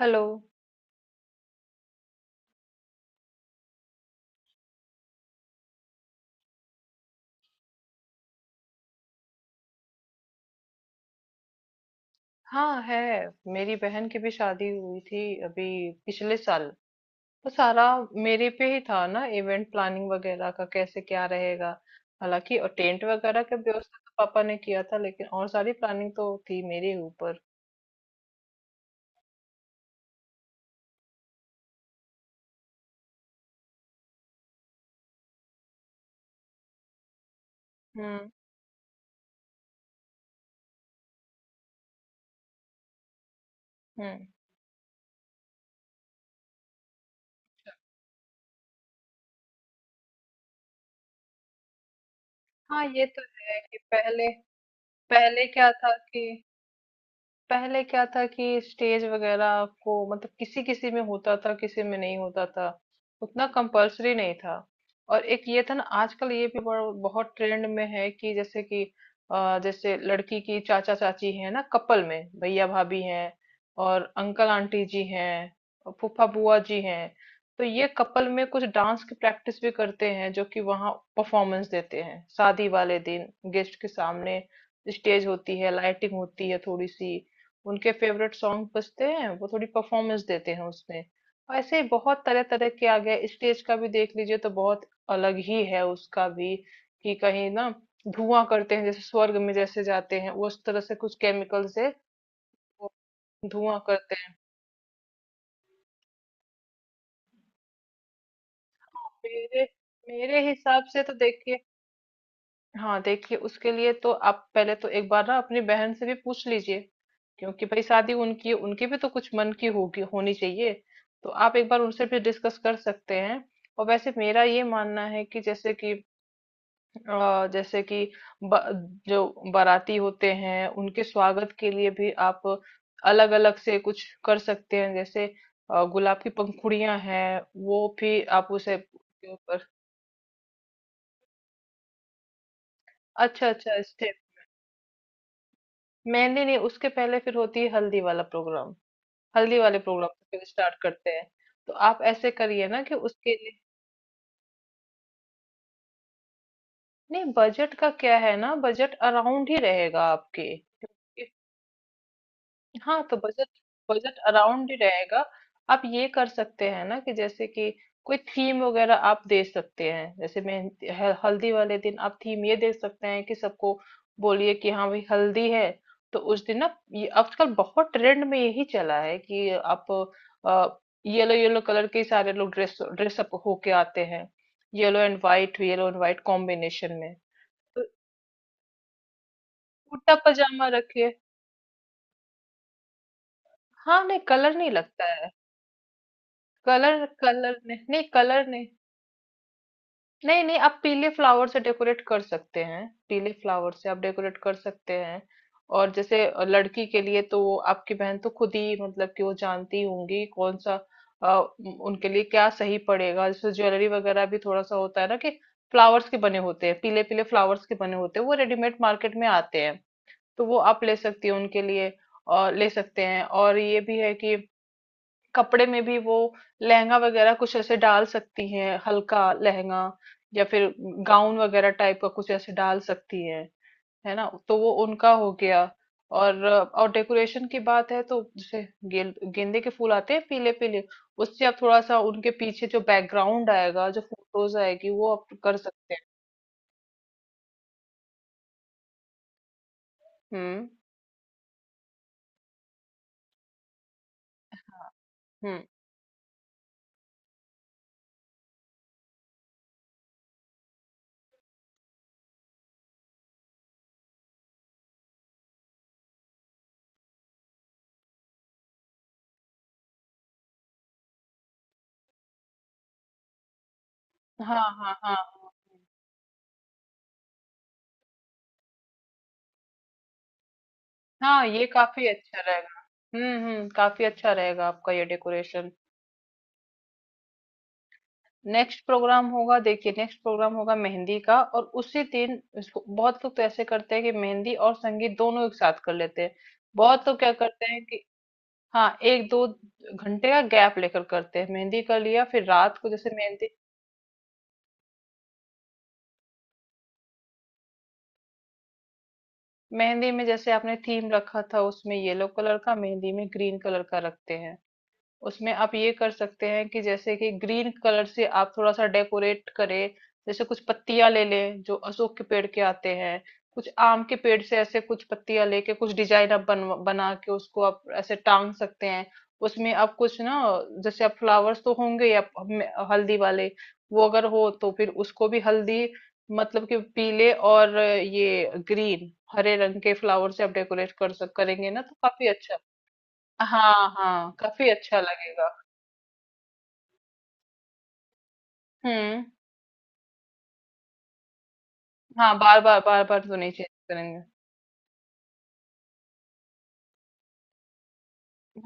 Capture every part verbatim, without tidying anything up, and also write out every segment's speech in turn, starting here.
Hello. हाँ, है। मेरी बहन की भी शादी हुई थी, अभी पिछले साल। तो सारा मेरे पे ही था ना, इवेंट प्लानिंग वगैरह का, कैसे क्या रहेगा। हालांकि और टेंट वगैरह का व्यवस्था तो पापा ने किया था, लेकिन और सारी प्लानिंग तो थी मेरे ही ऊपर। हम्म। हम्म। हाँ, ये तो है कि पहले पहले क्या था कि पहले क्या था कि स्टेज वगैरह को, मतलब किसी किसी में होता था, किसी में नहीं होता था। उतना कंपल्सरी नहीं था। और एक ये था ना, आजकल ये भी बड़ा- बहुत ट्रेंड में है कि जैसे कि अ, जैसे लड़की की चाचा चाची है ना, कपल में भैया भाभी हैं, और अंकल आंटी जी हैं, और फूफा बुआ जी हैं। तो ये कपल में कुछ डांस की प्रैक्टिस भी करते हैं, जो कि वहाँ परफॉर्मेंस देते हैं शादी वाले दिन, गेस्ट के सामने। स्टेज होती है, लाइटिंग होती है थोड़ी सी। उनके फेवरेट सॉन्ग बजते हैं, वो थोड़ी परफॉर्मेंस देते हैं उसमें। ऐसे ही बहुत तरह तरह के आ गए, स्टेज का भी देख लीजिए तो बहुत अलग ही है उसका भी, कि कहीं ना धुआं करते हैं, जैसे स्वर्ग में जैसे जाते हैं उस तरह से, कुछ केमिकल से वो धुआं करते हैं। मेरे मेरे हिसाब से तो देखिए, हाँ देखिए, उसके लिए तो आप पहले तो एक बार ना अपनी बहन से भी पूछ लीजिए, क्योंकि भाई शादी उनकी है, उनकी भी तो कुछ मन की होगी, होनी चाहिए। तो आप एक बार उनसे भी डिस्कस कर सकते हैं। और वैसे मेरा ये मानना है कि जैसे कि अ, जैसे कि ब, जो बाराती होते हैं उनके स्वागत के लिए भी आप अलग अलग से कुछ कर सकते हैं, जैसे अ, गुलाब की पंखुड़ियां हैं वो भी आप उसे। अच्छा, अच्छा। मेहंदी नहीं, उसके पहले फिर होती है हल्दी वाला प्रोग्राम। हल्दी वाले प्रोग्राम से फिर स्टार्ट करते हैं। तो आप ऐसे करिए ना कि उसके लिए। नहीं, बजट का क्या है ना, बजट अराउंड ही रहेगा आपके। हाँ तो बजट, बजट अराउंड ही रहेगा। आप ये कर सकते हैं ना कि जैसे कि कोई थीम वगैरह आप दे सकते हैं, जैसे मेहंदी हल- हल्दी वाले दिन आप थीम ये दे सकते हैं कि सबको बोलिए कि हाँ भाई हल्दी है। तो उस दिन ना, ये आजकल बहुत ट्रेंड में यही चला है कि आप येलो येलो कलर के ही सारे लोग ड्रेस ड्रेसअप होके आते हैं, yellow and white, yellow and white combination में। तो कुर्ता पजामा रखिए। हाँ, नहीं कलर नहीं लगता है। कलर, कलर नहीं, नहीं कलर नहीं। नहीं नहीं, आप पीले फ्लावर से डेकोरेट कर सकते हैं, पीले फ्लावर से आप डेकोरेट कर सकते हैं। और जैसे अ, लड़की के लिए तो वो आपकी बहन तो खुद ही, मतलब कि वो जानती होंगी कौन सा अ, उम, उनके लिए क्या सही पड़ेगा। जैसे ज्वेलरी वगैरह भी थोड़ा सा होता है ना, कि फ्लावर्स के बने होते हैं, पीले पीले फ्लावर्स के बने होते हैं, वो रेडीमेड मार्केट में आते हैं। तो वो आप ले सकती हो उनके लिए और ले सकते हैं। और ये भी है कि कपड़े में भी वो लहंगा वगैरह कुछ ऐसे डाल सकती हैं, हल्का लहंगा, या फिर गाउन वगैरह टाइप का कुछ ऐसे डाल सकती हैं, है ना। तो वो उनका हो गया। और और डेकोरेशन की बात है तो जैसे गेल- गेंदे के फूल आते हैं पीले पीले, उससे आप थोड़ा सा उनके पीछे जो बैकग्राउंड आएगा, जो फोटोज आएगी वो आप कर सकते हैं। हम्म। हाँ। हम्म। हाँ हाँ हाँ हाँ। हाँ, ये काफी अच्छा रहेगा। हम्म हम्म, काफी अच्छा रहेगा आपका ये डेकोरेशन। नेक्स्ट प्रोग्राम होगा, देखिए नेक्स्ट प्रोग्राम होगा मेहंदी का, और उसी दिन इसको बहुत लोग तो ऐसे करते हैं कि मेहंदी और संगीत दोनों एक साथ कर लेते हैं। बहुत तो क्या करते हैं कि हाँ, एक दो घंटे का गैप लेकर करते हैं। मेहंदी कर लिया फिर रात को, जैसे मेहंदी मेहंदी में जैसे आपने थीम रखा था उसमें येलो कलर का, मेहंदी में ग्रीन कलर का रखते हैं। उसमें आप ये कर सकते हैं कि जैसे कि ग्रीन कलर से आप थोड़ा सा डेकोरेट करें, जैसे कुछ पत्तियां ले लें जो अशोक के पेड़ के आते हैं, कुछ आम के पेड़ से ऐसे कुछ पत्तियां लेके कुछ डिजाइन आप बन बना के उसको आप ऐसे टांग सकते हैं। उसमें आप कुछ ना, जैसे आप फ्लावर्स तो होंगे ही, आप हमें- हल्दी वाले वो अगर हो तो फिर उसको भी हल्दी, मतलब कि पीले और ये ग्रीन, हरे रंग के फ्लावर से आप डेकोरेट कर सक करेंगे ना, तो काफी अच्छा। हाँ हाँ, काफी अच्छा लगेगा। हम्म। हाँ, बार बार बार बार तो नहीं चेंज करेंगे।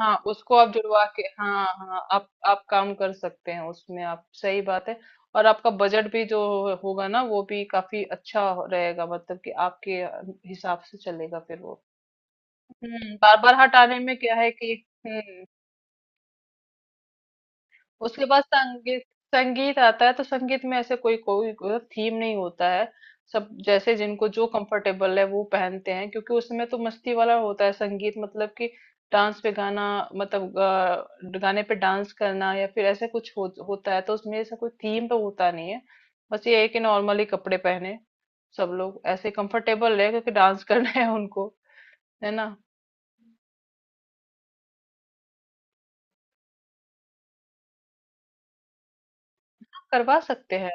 हाँ, उसको आप जुड़वा के, हाँ हाँ, आप आप काम कर सकते हैं उसमें, आप सही बात है। और आपका बजट भी जो होगा ना वो भी काफी अच्छा रहेगा, मतलब कि आपके हिसाब से चलेगा फिर वो। हम्म, बार बार हटाने में क्या है कि। हम्म। उसके बाद संगीत। संगीत आता है तो संगीत में ऐसे कोई कोई थीम नहीं होता है। सब जैसे जिनको जो कंफर्टेबल है वो पहनते हैं, क्योंकि उसमें तो मस्ती वाला होता है संगीत, मतलब कि डांस पे गाना, मतलब गा, गाने पे डांस करना या फिर ऐसे कुछ हो, होता है। तो उसमें ऐसा कोई थीम तो होता नहीं है। बस ये है कि नॉर्मली कपड़े पहने सब लोग ऐसे कंफर्टेबल है, क्योंकि डांस करना है उनको, है ना। करवा सकते हैं।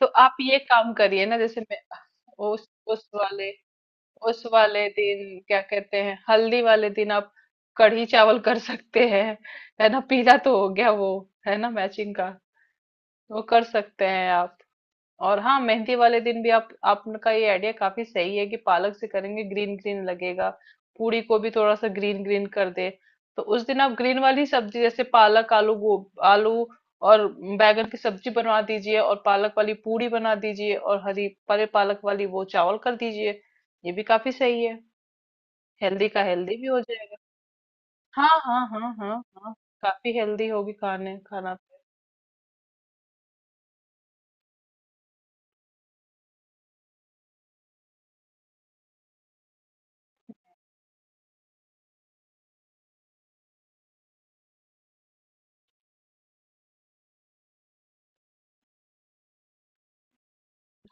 तो आप ये काम करिए ना, जैसे मैं, उस उस वाले उस वाले दिन क्या कहते हैं, हल्दी वाले दिन आप कढ़ी चावल कर सकते हैं, है ना, पीला तो हो गया वो, है ना मैचिंग का। वो कर सकते हैं आप। और हाँ, मेहंदी वाले दिन भी आप, आपका ये आइडिया काफी सही है कि पालक से करेंगे, ग्रीन ग्रीन लगेगा, पूरी को भी थोड़ा सा ग्रीन ग्रीन कर दे। तो उस दिन आप ग्रीन वाली सब्जी जैसे पालक, आलू गो आलू और बैगन की सब्जी बनवा दीजिए, और पालक वाली पूरी बना दीजिए, और हरी परे पालक वाली वो चावल कर दीजिए। ये भी काफी सही है। हेल्दी का हेल्दी भी हो जाएगा। हाँ हाँ हाँ हाँ। हाँ, काफी हेल्दी होगी खाने खाना पे।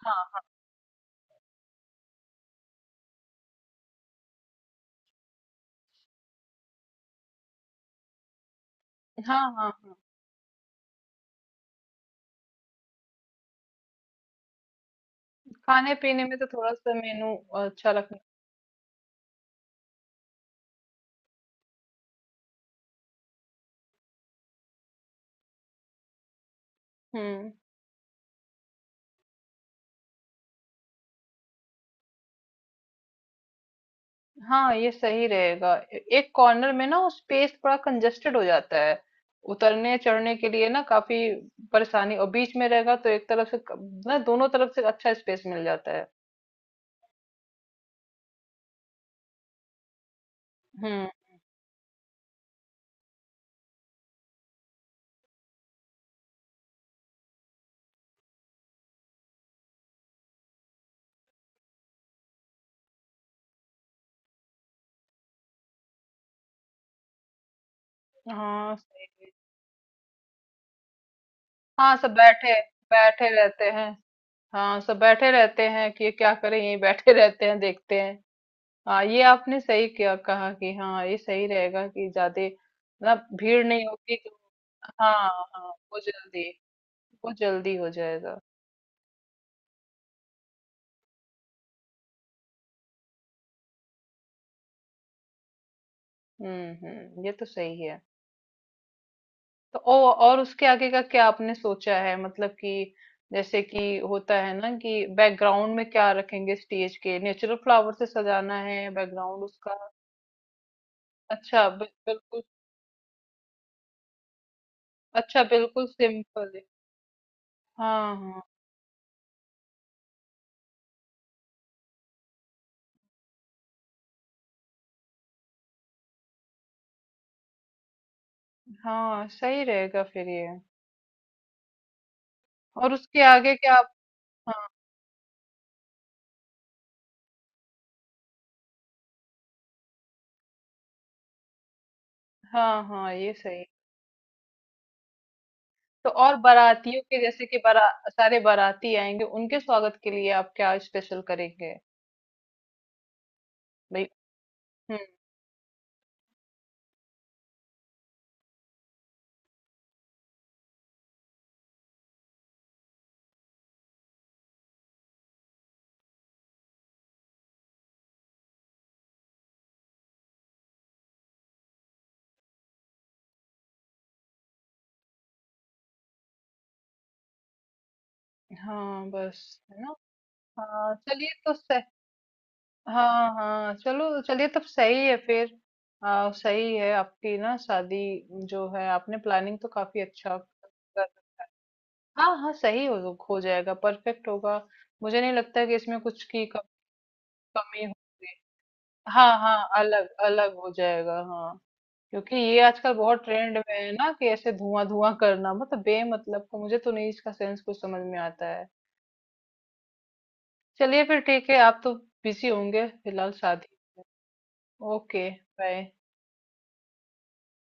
हाँ हाँ हाँ हाँ। खाने पीने में तो थोड़ा सा मेनू अच्छा रखना। हम्म। हाँ, ये सही रहेगा, ए- एक कॉर्नर में ना वो स्पेस थोड़ा कंजेस्टेड हो जाता है, उतरने चढ़ने के लिए ना काफी परेशानी। और बीच में रहेगा तो एक तरफ से क- ना, दोनों तरफ से अच्छा स्पेस मिल जाता है। हम्म। हाँ, सही है। हाँ, सब बैठे बैठे रहते हैं। हाँ, सब बैठे रहते हैं कि क्या करें, यहीं बैठे रहते हैं देखते हैं। हाँ, ये आपने सही किया, कहा कि हाँ ये सही रहेगा कि ज्यादा ना भीड़ नहीं होगी तो। हाँ हाँ, वो जल्दी, वो जल्दी हो जाएगा। हम्म हम्म, ये तो सही है। तो ओ, और उसके आगे का क्या आपने सोचा है, मतलब कि जैसे कि होता है ना कि बैकग्राउंड में क्या रखेंगे स्टेज के, नेचुरल फ्लावर से सजाना है बैकग्राउंड उसका। अच्छा, बिल- बिल्कुल। अच्छा बिल्कुल सिंपल है। हाँ हाँ। हाँ, सही रहेगा फिर ये। और उसके आगे क्या आप। हाँ हाँ हाँ, ये सही। तो और बारातियों के, जैसे कि बारा सारे बाराती आएंगे उनके स्वागत के लिए आप क्या स्पेशल करेंगे। भाई। हम्म। हाँ बस। है ना। हाँ चलिए तो सह, हाँ हाँ, चलो चलिए तब सही है फिर। आ, सही है आपकी ना, शादी जो है, आपने प्लानिंग तो काफी अच्छा कर। हाँ हाँ सही, हो हो जाएगा, परफेक्ट होगा। मुझे नहीं लगता कि इसमें कुछ की कम- कमी हो। हाँ हाँ, अलग अलग हो जाएगा। हाँ। क्योंकि ये आजकल बहुत ट्रेंड में है ना कि ऐसे धुआं धुआं करना, मतलब बेमतलब का, मुझे तो नहीं इसका सेंस कुछ समझ में आता है। चलिए फिर ठीक है, आप तो बिजी होंगे फिलहाल शादी। Okay, bye.